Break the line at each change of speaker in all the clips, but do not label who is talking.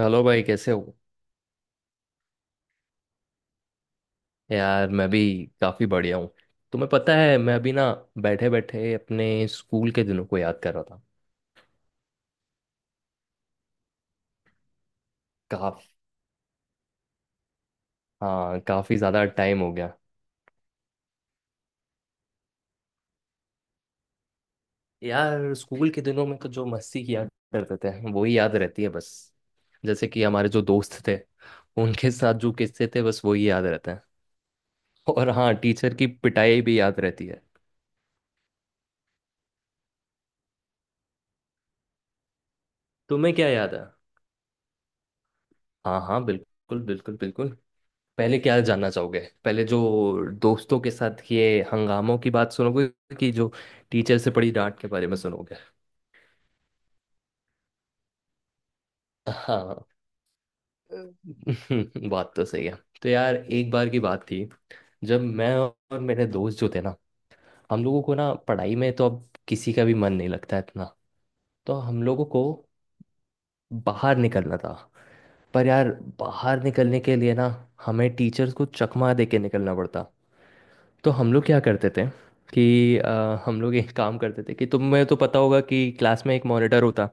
Hello भाई, कैसे हो? यार, मैं भी काफ़ी बढ़िया हूँ। तुम्हें पता है, मैं अभी ना बैठे बैठे अपने स्कूल के दिनों को याद कर रहा था। काफ हाँ, काफ़ी ज़्यादा टाइम हो गया। यार, स्कूल के दिनों में तो जो मस्ती किया करते थे वही याद रहती है बस। जैसे कि हमारे जो दोस्त थे, उनके साथ जो किस्से थे बस वही याद रहते हैं। और हाँ, टीचर की पिटाई भी याद रहती है। तुम्हें क्या याद है? हाँ हाँ, बिल्कुल बिल्कुल बिल्कुल। पहले क्या जानना चाहोगे? पहले जो दोस्तों के साथ किए हंगामों की बात सुनोगे कि जो टीचर से पड़ी डांट के बारे में सुनोगे? हाँ। बात तो सही है। तो यार, एक बार की बात थी। जब मैं और मेरे दोस्त जो थे ना, हम लोगों को ना पढ़ाई में तो अब किसी का भी मन नहीं लगता इतना। तो हम लोगों को बाहर निकलना था, पर यार बाहर निकलने के लिए ना हमें टीचर्स को चकमा दे के निकलना पड़ता। तो हम लोग क्या करते थे कि हम लोग एक काम करते थे कि तुम्हें तो पता होगा कि क्लास में एक मॉनिटर होता।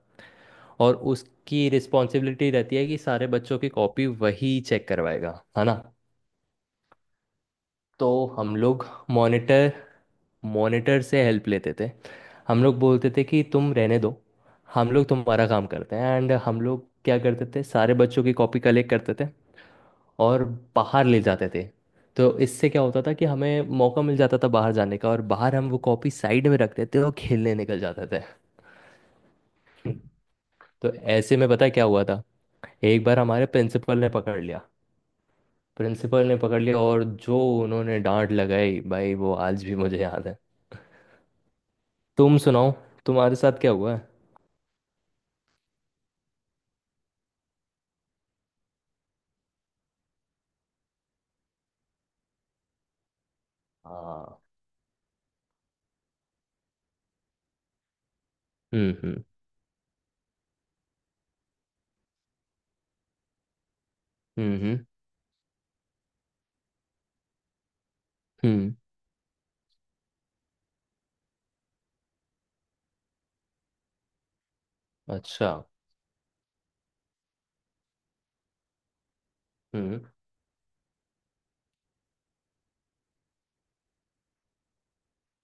और उसकी रिस्पॉन्सिबिलिटी रहती है कि सारे बच्चों की कॉपी वही चेक करवाएगा, है ना। तो हम लोग मॉनिटर मॉनिटर से हेल्प लेते थे। हम लोग बोलते थे कि तुम रहने दो, हम लोग तुम्हारा काम करते हैं। एंड हम लोग क्या करते थे, सारे बच्चों की कॉपी कलेक्ट करते थे और बाहर ले जाते थे। तो इससे क्या होता था कि हमें मौका मिल जाता था बाहर जाने का, और बाहर हम वो कॉपी साइड में रखते थे और खेलने निकल जाते थे। तो ऐसे में पता है क्या हुआ था, एक बार हमारे प्रिंसिपल ने पकड़ लिया। प्रिंसिपल ने पकड़ लिया और जो उन्होंने डांट लगाई भाई वो आज भी मुझे याद है। तुम सुनाओ, तुम्हारे साथ क्या हुआ है? हाँ। हम्म। हम्म। हम्म। हम्म। हम्म। अच्छा। हम्म।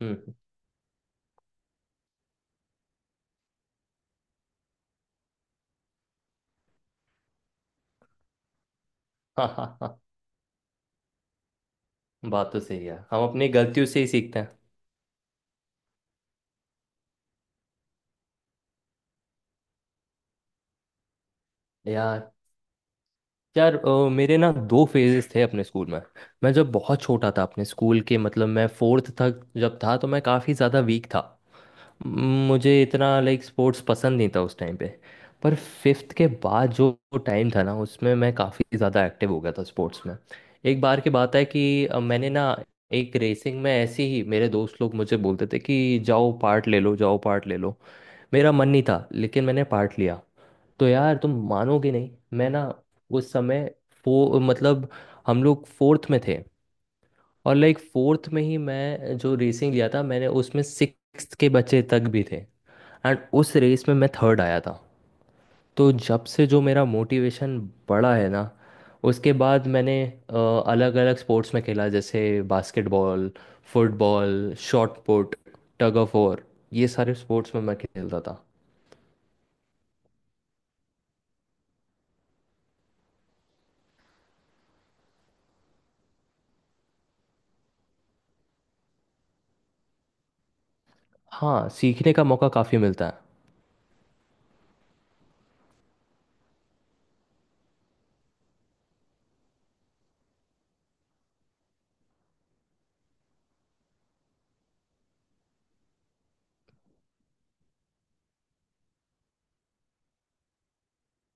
हम्म। हाँ, हाँ, हाँ, बात तो सही है, हम अपनी गलतियों से ही सीखते हैं। यार। यार, मेरे ना दो फेजेस थे अपने स्कूल में। मैं जब बहुत छोटा था अपने स्कूल के, मतलब मैं फोर्थ तक जब था तो मैं काफ़ी ज़्यादा वीक था। म, मुझे इतना लाइक स्पोर्ट्स पसंद नहीं था उस टाइम पे। पर फिफ्थ के बाद जो टाइम था ना, उसमें मैं काफ़ी ज़्यादा एक्टिव हो गया था स्पोर्ट्स में। एक बार की बात है कि मैंने ना एक रेसिंग में, ऐसे ही मेरे दोस्त लोग मुझे बोलते थे कि जाओ पार्ट ले लो, जाओ पार्ट ले लो। मेरा मन नहीं था लेकिन मैंने पार्ट लिया। तो यार, तुम मानोगे नहीं। मैं ना उस समय, फो मतलब हम लोग फोर्थ में थे। और लाइक फोर्थ में ही मैं जो रेसिंग लिया था मैंने, उसमें 6 के बच्चे तक भी थे। एंड उस रेस में मैं थर्ड आया था। तो जब से जो मेरा मोटिवेशन बढ़ा है ना, उसके बाद मैंने अलग अलग स्पोर्ट्स में खेला, जैसे basketball, football, shot put, tug of war. ये सारे स्पोर्ट्स में मैं खेलता था। हाँ, सीखने का मौका काफ़ी मिलता है।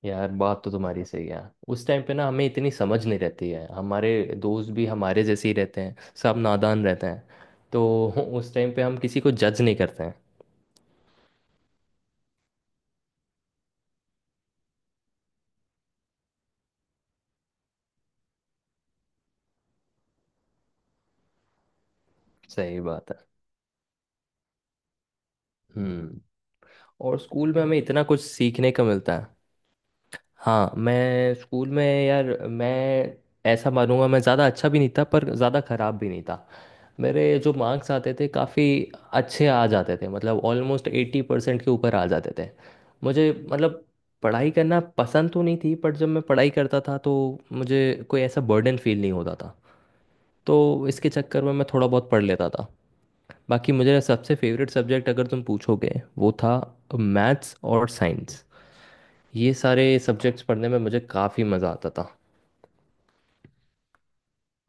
यार, बात तो तुम्हारी सही है। उस टाइम पे ना हमें इतनी समझ नहीं रहती है, हमारे दोस्त भी हमारे जैसे ही रहते हैं, सब नादान रहते हैं। तो उस टाइम पे हम किसी को जज नहीं करते हैं। सही बात है। हम्म। और स्कूल में हमें इतना कुछ सीखने का मिलता है। हाँ, मैं स्कूल में, यार मैं ऐसा मानूंगा, मैं ज़्यादा अच्छा भी नहीं था पर ज़्यादा ख़राब भी नहीं था। मेरे जो मार्क्स आते थे काफ़ी अच्छे आ जाते थे, मतलब ऑलमोस्ट 80% के ऊपर आ जाते थे। मुझे, मतलब पढ़ाई करना पसंद तो नहीं थी, बट जब मैं पढ़ाई करता था तो मुझे कोई ऐसा बर्डन फील नहीं होता था। तो इसके चक्कर में मैं थोड़ा बहुत पढ़ लेता था। बाकी मुझे सबसे फेवरेट सब्जेक्ट अगर तुम पूछोगे वो था, मैथ्स और साइंस। ये सारे सब्जेक्ट्स पढ़ने में मुझे काफ़ी मज़ा आता था।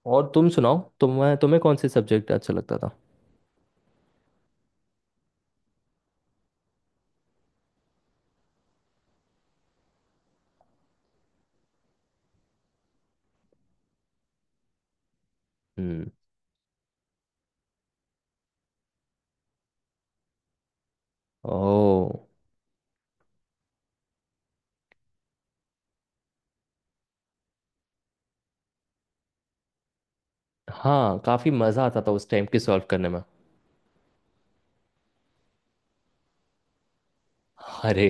और तुम सुनाओ, तुम्हें तुम्हें कौन से सब्जेक्ट अच्छा लगता था? हम्म। ओह। हाँ, काफ़ी मज़ा आता था उस टाइम के सॉल्व करने में। अरे,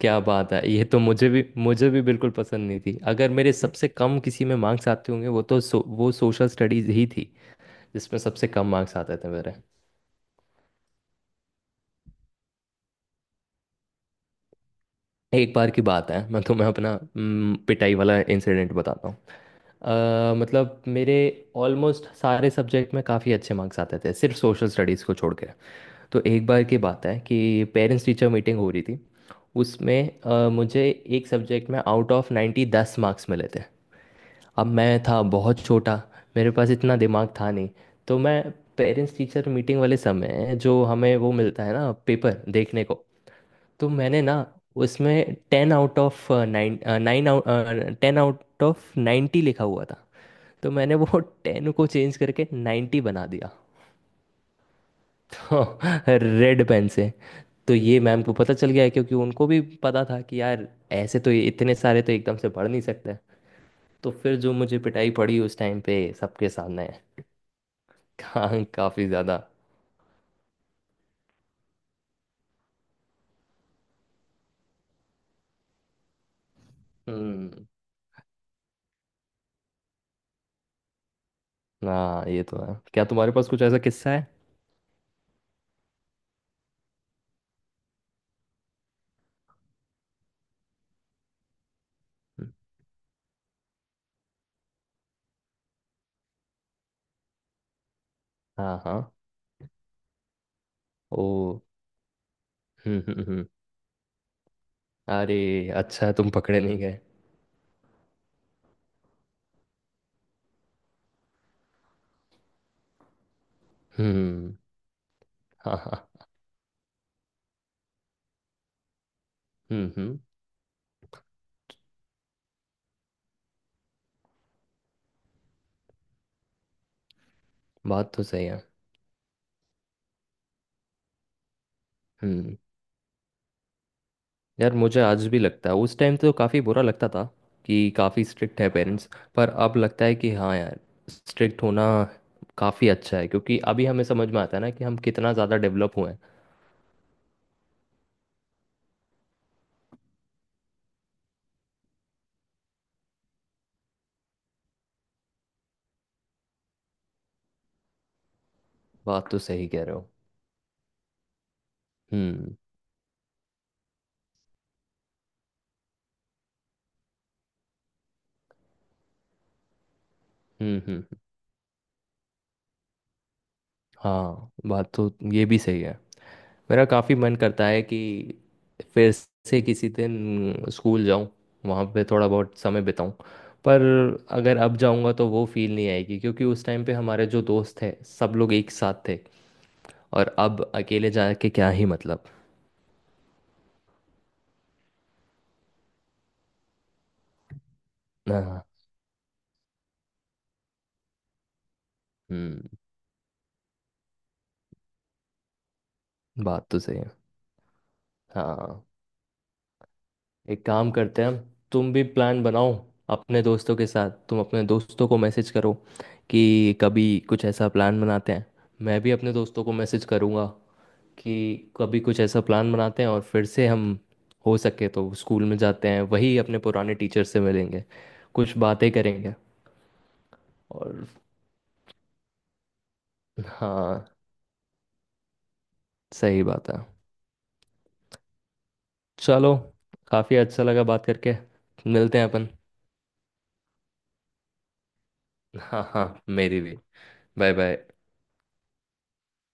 क्या बात है, ये तो मुझे भी बिल्कुल पसंद नहीं थी। अगर मेरे सबसे कम किसी में मार्क्स आते होंगे, वो तो वो सोशल स्टडीज़ ही थी। जिसमें सबसे कम मार्क्स आते थे मेरे। एक बार की बात है, मैं तुम्हें अपना पिटाई वाला इंसिडेंट बताता हूँ। मतलब मेरे ऑलमोस्ट सारे सब्जेक्ट में काफ़ी अच्छे मार्क्स आते थे, सिर्फ सोशल स्टडीज़ को छोड़ के। तो एक बार की बात है कि पेरेंट्स टीचर मीटिंग हो रही थी। उसमें मुझे एक सब्जेक्ट में आउट ऑफ 90 10 मार्क्स मिले थे। अब मैं था बहुत छोटा, मेरे पास इतना दिमाग था नहीं। तो मैं पेरेंट्स टीचर मीटिंग वाले समय जो हमें वो मिलता है ना पेपर देखने को। तो मैंने ना उसमें 10 आउट ऑफ 90 लिखा हुआ था, तो मैंने वो 10 को चेंज करके 90 बना दिया। तो रेड पेन से। तो ये मैम को पता चल गया है, क्योंकि उनको भी पता था कि यार ऐसे तो ये इतने सारे तो एकदम से पढ़ नहीं सकते। तो फिर जो मुझे पिटाई पड़ी उस टाइम पे सबके सामने। काफी ज्यादा। हम्म। हाँ, ये तो है। क्या तुम्हारे पास कुछ ऐसा किस्सा है? हाँ हाँ। ओ। हम्म हम्म हम्म। अरे, अच्छा है तुम पकड़े नहीं गए। हम्म। हाँ हाँ। हम्म। बात तो सही है। हम्म। यार, मुझे आज भी लगता है, उस टाइम तो काफ़ी बुरा लगता था कि काफ़ी स्ट्रिक्ट है पेरेंट्स। पर अब लगता है कि हाँ यार, स्ट्रिक्ट होना काफ़ी अच्छा है, क्योंकि अभी हमें समझ में आता है ना कि हम कितना ज़्यादा डेवलप हुए हैं। बात तो सही कह रहे हो। हम्म। हम्म। हाँ, बात तो ये भी सही है। मेरा काफ़ी मन करता है कि फिर से किसी दिन स्कूल जाऊं, वहाँ पे थोड़ा बहुत समय बिताऊं। पर अगर अब जाऊंगा तो वो फील नहीं आएगी, क्योंकि उस टाइम पे हमारे जो दोस्त थे सब लोग एक साथ थे। और अब अकेले जाके क्या ही मतलब। हाँ। हम्म। बात तो सही है। हाँ, एक काम करते हैं। तुम भी प्लान बनाओ अपने दोस्तों के साथ, तुम अपने दोस्तों को मैसेज करो कि कभी कुछ ऐसा प्लान बनाते हैं। मैं भी अपने दोस्तों को मैसेज करूँगा कि कभी कुछ ऐसा प्लान बनाते हैं, और फिर से हम हो सके तो स्कूल में जाते हैं, वही अपने पुराने टीचर से मिलेंगे, कुछ बातें करेंगे। और हाँ, सही बात है। चलो, काफ़ी अच्छा लगा बात करके। मिलते हैं अपन। हाँ हाँ, मेरी भी। Bye bye.